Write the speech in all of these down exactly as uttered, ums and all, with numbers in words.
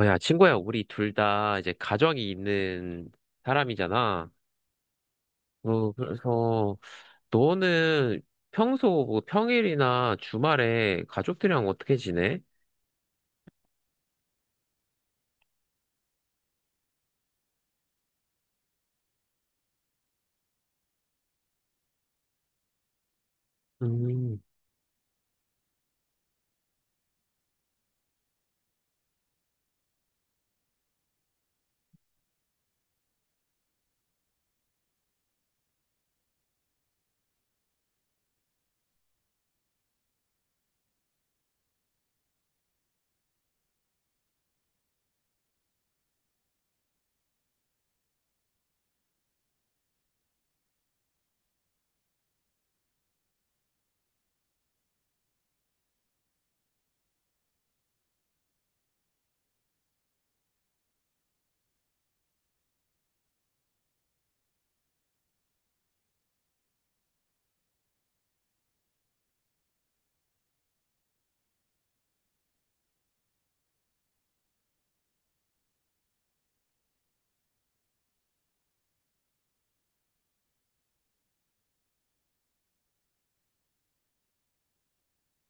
어, 야, 친구야, 우리 둘 다 이제 가정이 있는 사람이잖아. 어, 그래서 너는 평소 뭐 평일이나 주말에 가족들이랑 어떻게 지내? 음.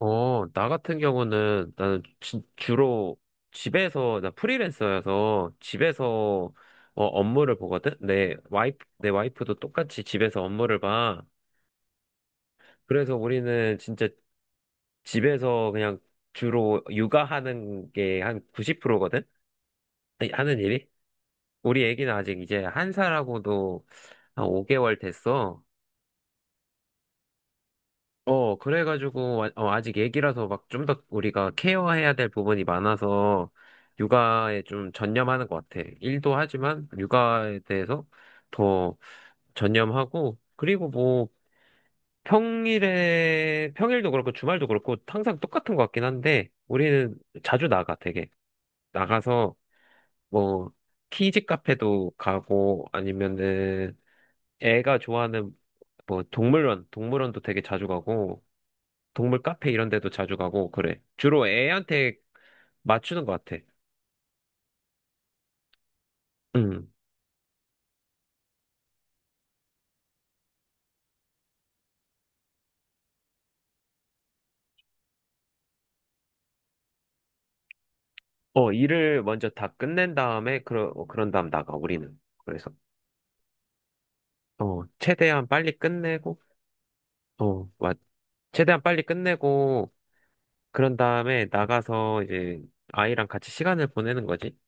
어, 나 같은 경우는 나는 주, 주로 집에서, 나 프리랜서여서 집에서 어, 업무를 보거든? 내 와이프, 내 와이프도 똑같이 집에서 업무를 봐. 그래서 우리는 진짜 집에서 그냥 주로 육아하는 게 한 구십 퍼센트거든? 네, 하는 일이? 우리 애기는 아직 이제 한 살하고도 한 오 개월 됐어. 어, 그래가지고, 와- 어, 아직 애기라서 막 좀 더 우리가 케어해야 될 부분이 많아서 육아에 좀 전념하는 것 같아. 일도 하지만 육아에 대해서 더 전념하고, 그리고 뭐 평일에, 평일도 그렇고 주말도 그렇고 항상 똑같은 것 같긴 한데 우리는 자주 나가 되게. 나가서 뭐 키즈 카페도 가고 아니면은 애가 좋아하는 뭐 동물원, 동물원도 되게 자주 가고 동물 카페 이런 데도 자주 가고 그래. 주로 애한테 맞추는 것 같아. 음. 어, 일을 먼저 다 끝낸 다음에 그러, 어, 그런 다음 나가 우리는. 그래서 어, 최대한 빨리 끝내고 어, 맞. 최대한 빨리 끝내고 그런 다음에 나가서 이제 아이랑 같이 시간을 보내는 거지.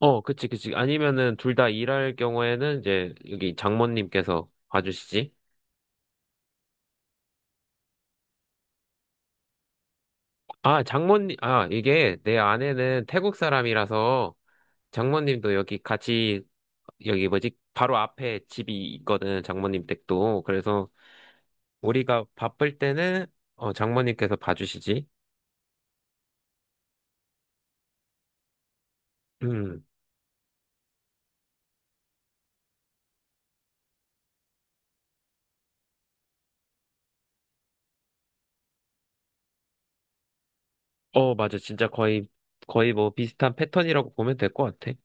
어, 그치, 그치. 아니면은 둘 다 일할 경우에는 이제 여기 장모님께서 봐주시지. 아, 장모님, 아, 이게 내 아내는 태국 사람이라서 장모님도 여기 같이, 여기 뭐지, 바로 앞에 집이 있거든, 장모님 댁도. 그래서 우리가 바쁠 때는, 어, 장모님께서 봐주시지. 음, 어, 맞아. 진짜 거의, 거의 뭐 비슷한 패턴이라고 보면 될 것 같아.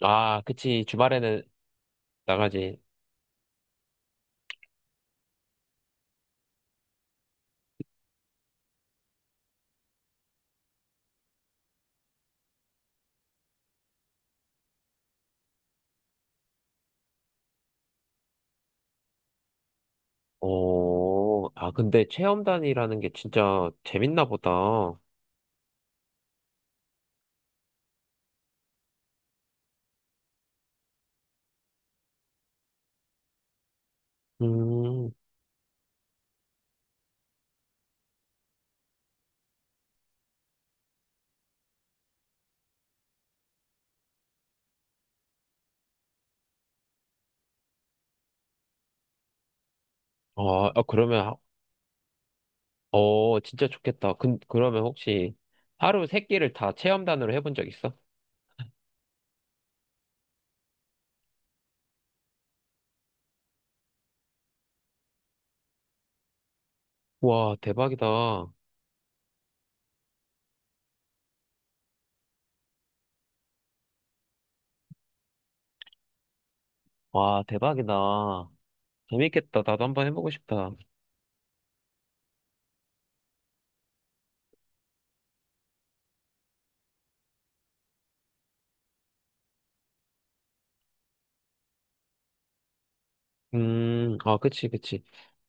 아, 그치. 주말에는 나가지. 오, 아, 근데 체험단이라는 게 진짜 재밌나 보다. 음, 아, 아, 그러면 어, 진짜 좋겠다. 근, 그러면 혹시 하루 세 끼를 다 체험단으로 해본 적 있어? 와, 대박이다. 와, 대박이다. 재밌겠다. 나도 한번 해보고 싶다. 음, 아, 그치, 그치.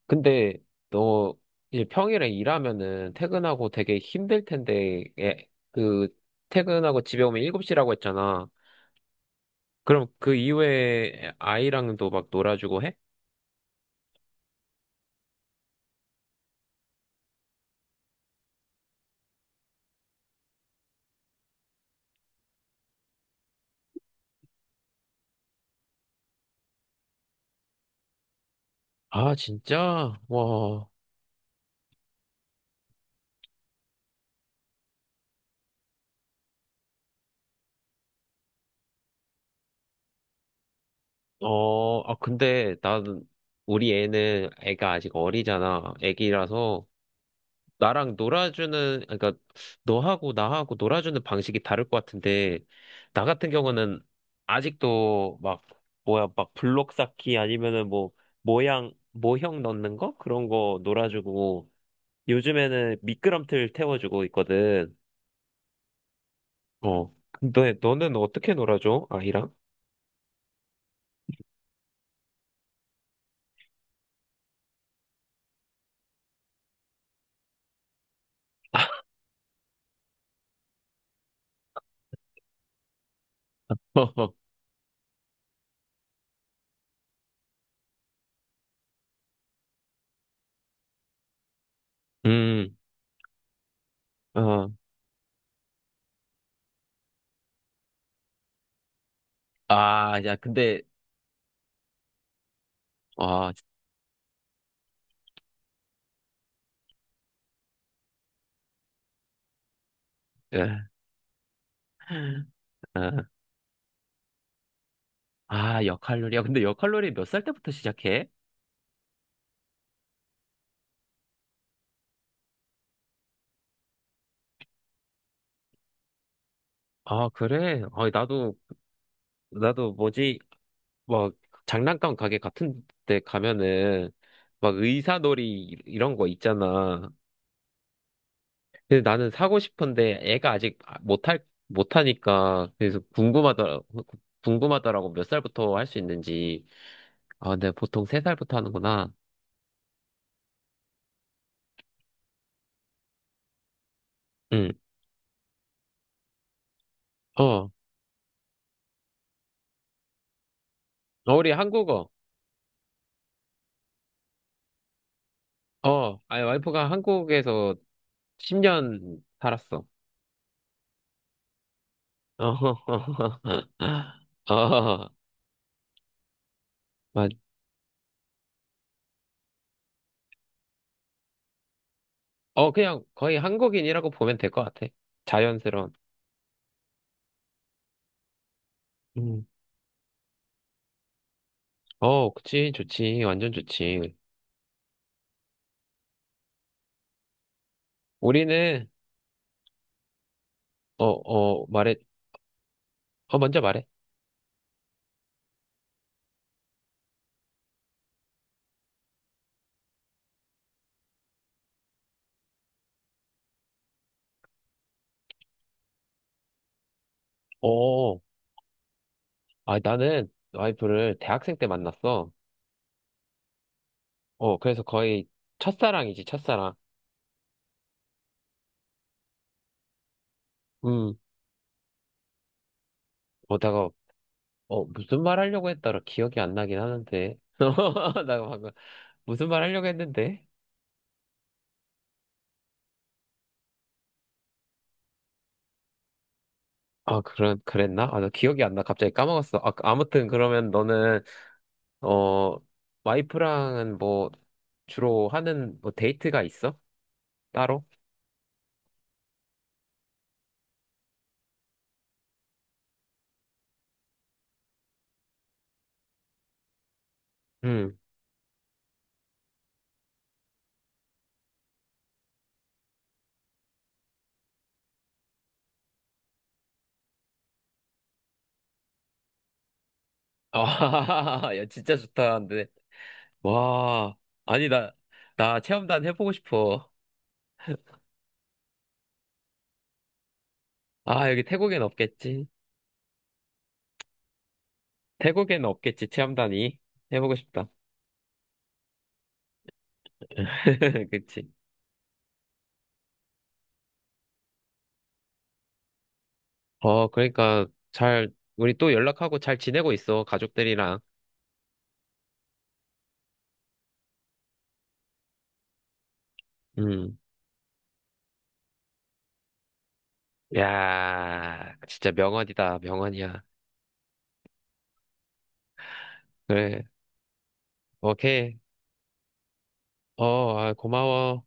근데 너 이제 평일에 일하면은 퇴근하고 되게 힘들 텐데, 예, 그, 퇴근하고 집에 오면 일곱 시라고 했잖아. 그럼 그 이후에 아이랑도 막 놀아주고 해? 아, 진짜? 와. 어, 아, 근데 나는, 우리 애는 애가 아직 어리잖아. 애기라서 나랑 놀아주는, 그러니까 너하고 나하고 놀아주는 방식이 다를 것 같은데, 나 같은 경우는 아직도 막, 뭐야, 막 블록 쌓기 아니면은 뭐, 모양, 모형 넣는 거? 그런 거 놀아주고, 요즘에는 미끄럼틀 태워주고 있거든. 어. 근데 너는 어떻게 놀아줘? 아이랑? 음, 어. 아, 야, 근데, 아, 예. 어. 아, 역할놀이. 야, 근데 역할놀이 몇 살 때부터 시작해? 아, 그래? 아, 나도, 나도 뭐지, 막, 장난감 가게 같은 데 가면은, 막 의사놀이 이- 이런 거 있잖아. 근데 나는 사고 싶은데 애가 아직 아- 못할, 못하니까, 그래서 궁금하더라, 궁금하더라고 몇 살부터 할 수 있는지. 아, 근데 보통 세 살부터 하는구나. 응. 어, 어, 우리 한국어. 어, 아니, 와이프가 한국에서 십 년 살았어. 어, 어, 맞. 어, 그냥 거의 한국인이라고 보면 될 것 같아. 자연스러운. 음. 어, 그치, 좋지, 완전 좋지. 우리는, 어, 어, 말해, 어, 먼저 말해. 어, 아, 나는 와이프를 대학생 때 만났어. 어, 그래서 거의 첫사랑이지, 첫사랑. 음, 어다가 어, 무슨 말 하려고 했더라 기억이 안 나긴 하는데. 나 방금 무슨 말 하려고 했는데? 아, 그런, 그랬나? 아, 나 기억이 안 나. 갑자기 까먹었어. 아, 그- 아무튼 그러면 너는, 어, 와이프랑은 뭐, 주로 하는 뭐 데이트가 있어? 따로? 응. 아, 야, 진짜 좋다. 근데, 와. 아니, 나, 나 체험단 해보고 싶어. 아, 여기 태국엔 없겠지? 태국엔 없겠지, 체험단이. 해보고 싶다. 그치. 어, 그러니까, 잘, 우리 또 연락하고 잘 지내고 있어, 가족들이랑. 음. 야, 진짜 명언이다, 명언이야. 그래, 오케이. 어, 아, 고마워.